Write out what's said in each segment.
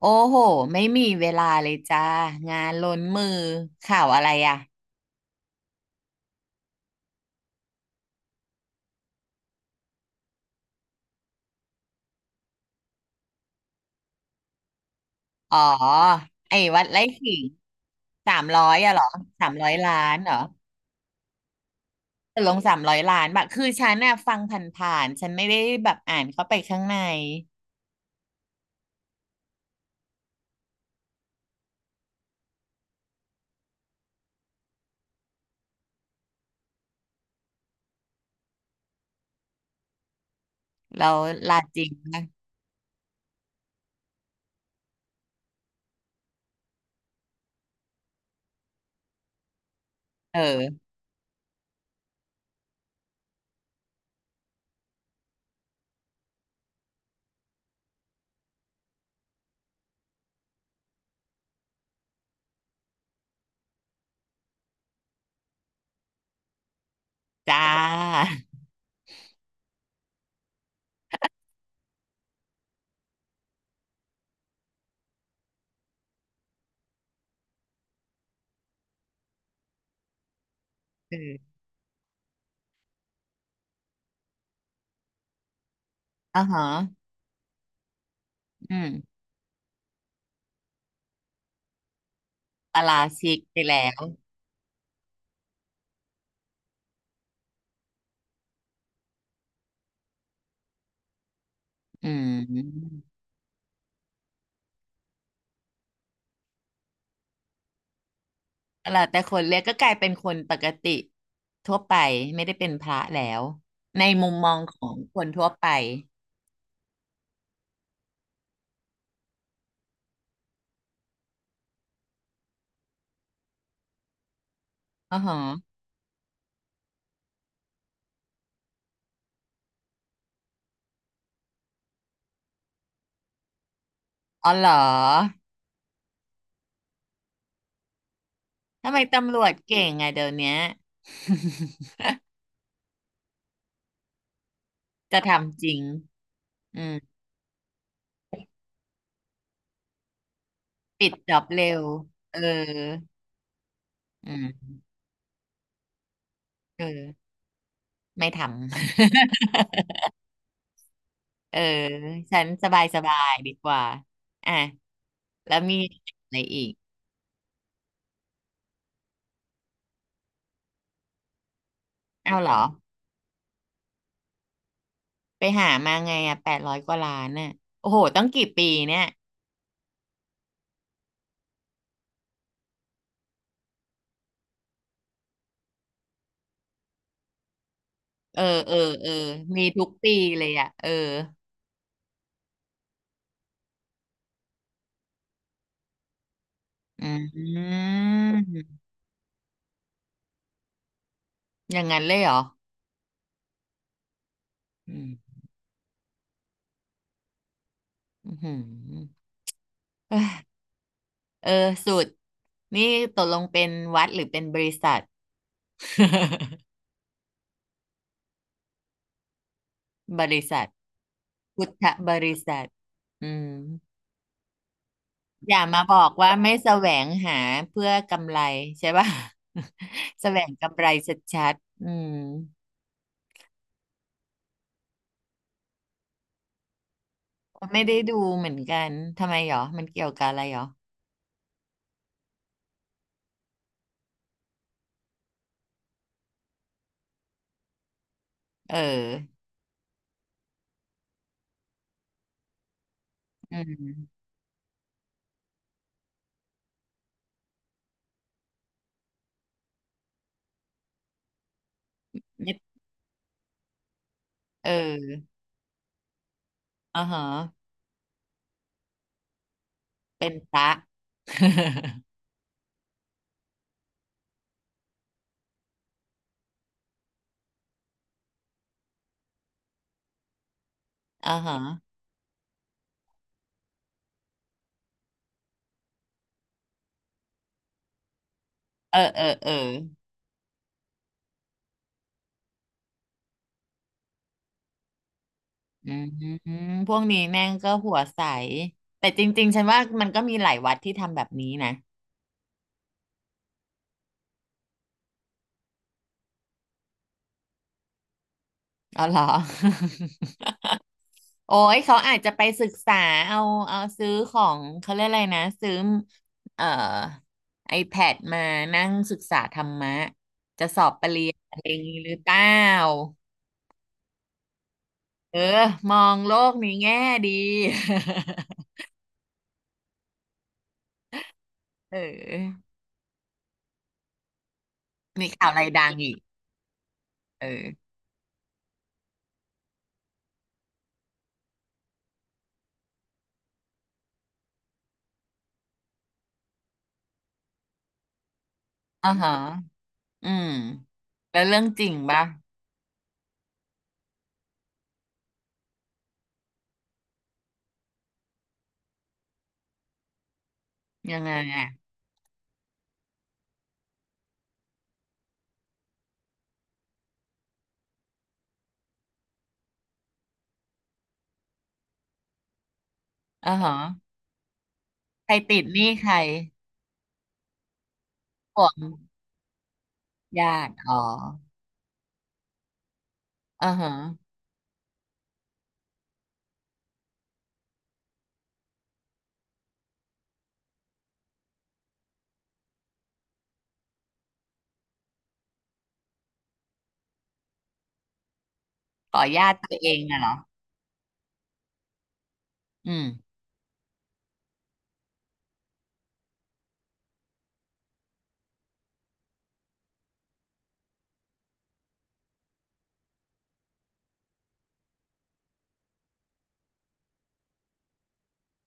โอ้โหไม่มีเวลาเลยจ้างานล้นมือข่าวอะไรอ่ะอ๋อไอ้วัดไร่ขิงสามร้อยอะเหรอสามร้อยล้านเหรอตกลงสามร้อยล้านแบบคือฉันน่ะฟังผ่านๆฉันไม่ได้แบบอ่านเข้าไปข้างในแล้วลาจริงนะเออจ้าเอออ่าฮะอืมปาราชิกไปแล้วอืม แล้วแต่คนเรียกก็กลายเป็นคนปกติทั่วไปไม่ได้เป็นพระแล้วในมุมมองของคนทั่วไปอ๋อฮะอ๋อเหรอทำไมตำรวจเก่งอะเดี๋ยวเนี้ย จะทำจริงอืมปิดจอบเร็วเอออืมเออไม่ทำ เออฉันสบายสบายดีกว่าอ่ะแล้วมีอะไรอีกเอาเหรอไปหามาไงอ่ะ800 กว่าล้านน่ะโอ้โหต้องกี่ปีเนี่ย เออเออเออมีทุกปีเลยอ่ะเอออืมอย่างนั้นเลยเหรออืมอือหือเอ้ยเออสุดนี่ตกลงเป็นวัดหรือเป็นบริษัท บริษัทพุทธบริษัทอืมอย่ามาบอกว่าไม่แสวงหาเพื่อกำไรใช่ป่ะ แสวงกำไรชัดๆอืมไม่ได้ดูเหมือนกัน ทำไมหรอ มันเกี่ยวกับอะไรหรอเอออืมไม่เออ อ่าฮะเป็นพระ อ่าฮะเออเออเอออืมพวกนี้แม่งก็หัวใสแต่จริงๆฉันว่ามันก็มีหลายวัดที่ทำแบบนี้นะเอาเหรอ โอ้ยเขาอาจจะไปศึกษาเอาเอาซื้อของเขาเรียกอะไรนะซื้อเอ่อ iPad มานั่งศึกษาธรรมะจะสอบปริญญาอะไรอย่างนี้หรือเปล่าเออมองโลกในี้แง่ดี เออมีข่าวอะไรดังอีก เอออ่าฮะอืมแล้วเรื่องจริงปะยังไงอ่ะอ่าฮะใครติดหนี้ใครห่วงญาติอ๋ออ่าฮะขอญาติตัวเองน่ะเหรออืม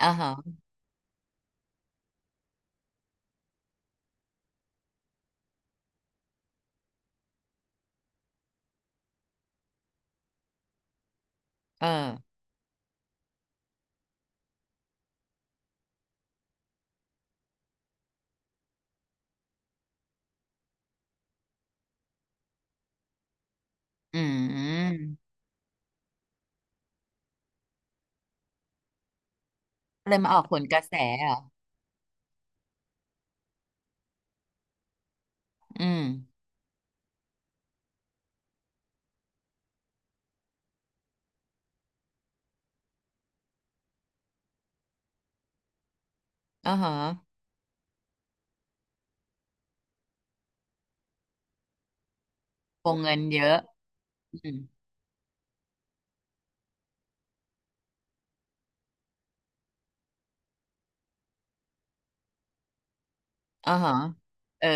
อ่าฮะเอออืมเลยมาออกผลกระแสเหรออืมอ่าฮะวงเงินเยอะอืมอ่าฮะเออ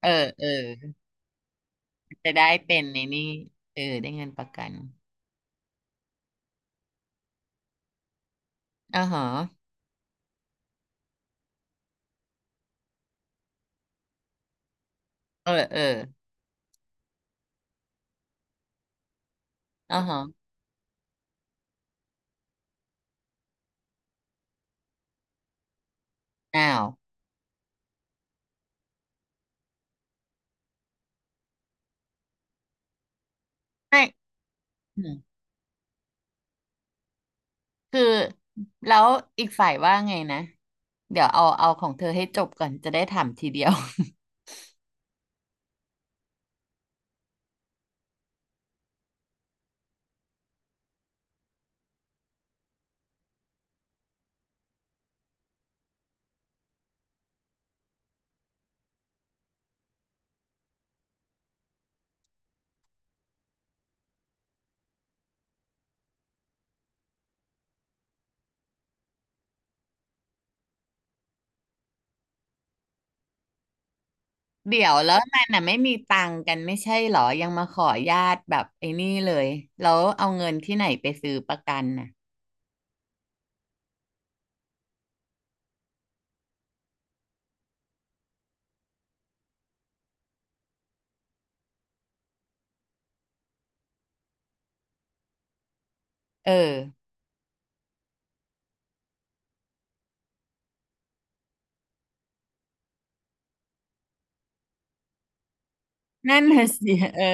เออเออจะได้เป็นในนี่เออได้เงินประกันอ่าฮะเออเอออ่าฮะอ้าวไม่ คือแล้วอีกฝ่ายว่าไงนะเดี๋ยวเอาเอาของเธอให้จบก่อนจะได้ถามทีเดียว เดี๋ยวแล้วมันน่ะไม่มีตังค์กันไม่ใช่เหรอยังมาขอญาติแบบไอ้นี่เลยแล้วเอาเงินที่ไหนไปซื้อประกันน่ะเออนั่นน่ะสิเออ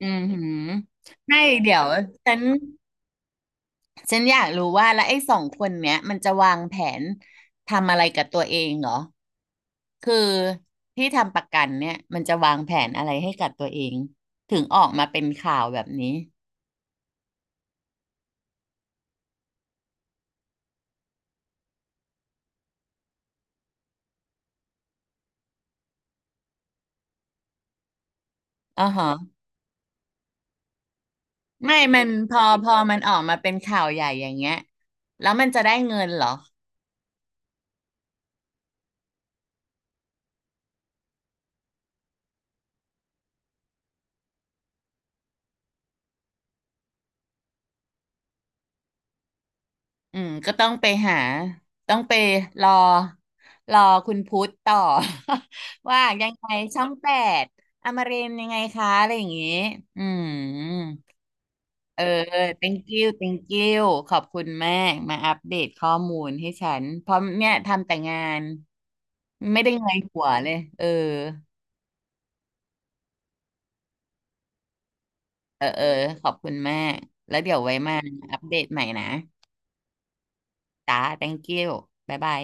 อือหือไม่เดี๋ยวฉันฉันอยากรู้ว่าแล้วไอ้สองคนเนี้ยมันจะวางแผนทำอะไรกับตัวเองเหรอ คือที่ทำประกันเนี่ยมันจะวางแผนอะไรให้กับตัวเองถึงออกมาเป็นข่าวแบบนี้อ่าฮะไม่มันพอมันออกมาเป็นข่าวใหญ่อย่างเงี้ยแล้วมันจะได้เงินเหรออืมก็ต้องไปรอรอคุณพุทธต่อ ว่ายังไงช่อง 8อมรินทร์ยังไงคะอะไรอย่างงี้อืม เออ thank you thank you ขอบคุณมาก มาอัปเดตข้อมูลให้ฉันเพราะเนี่ยทำแต่งานไม่ได้เงยหัวเลยเออเออเออขอบคุณมาก แล้วเดี๋ยวไว้มาอัปเดตใหม่นะจ้า thank you บ๊ายบาย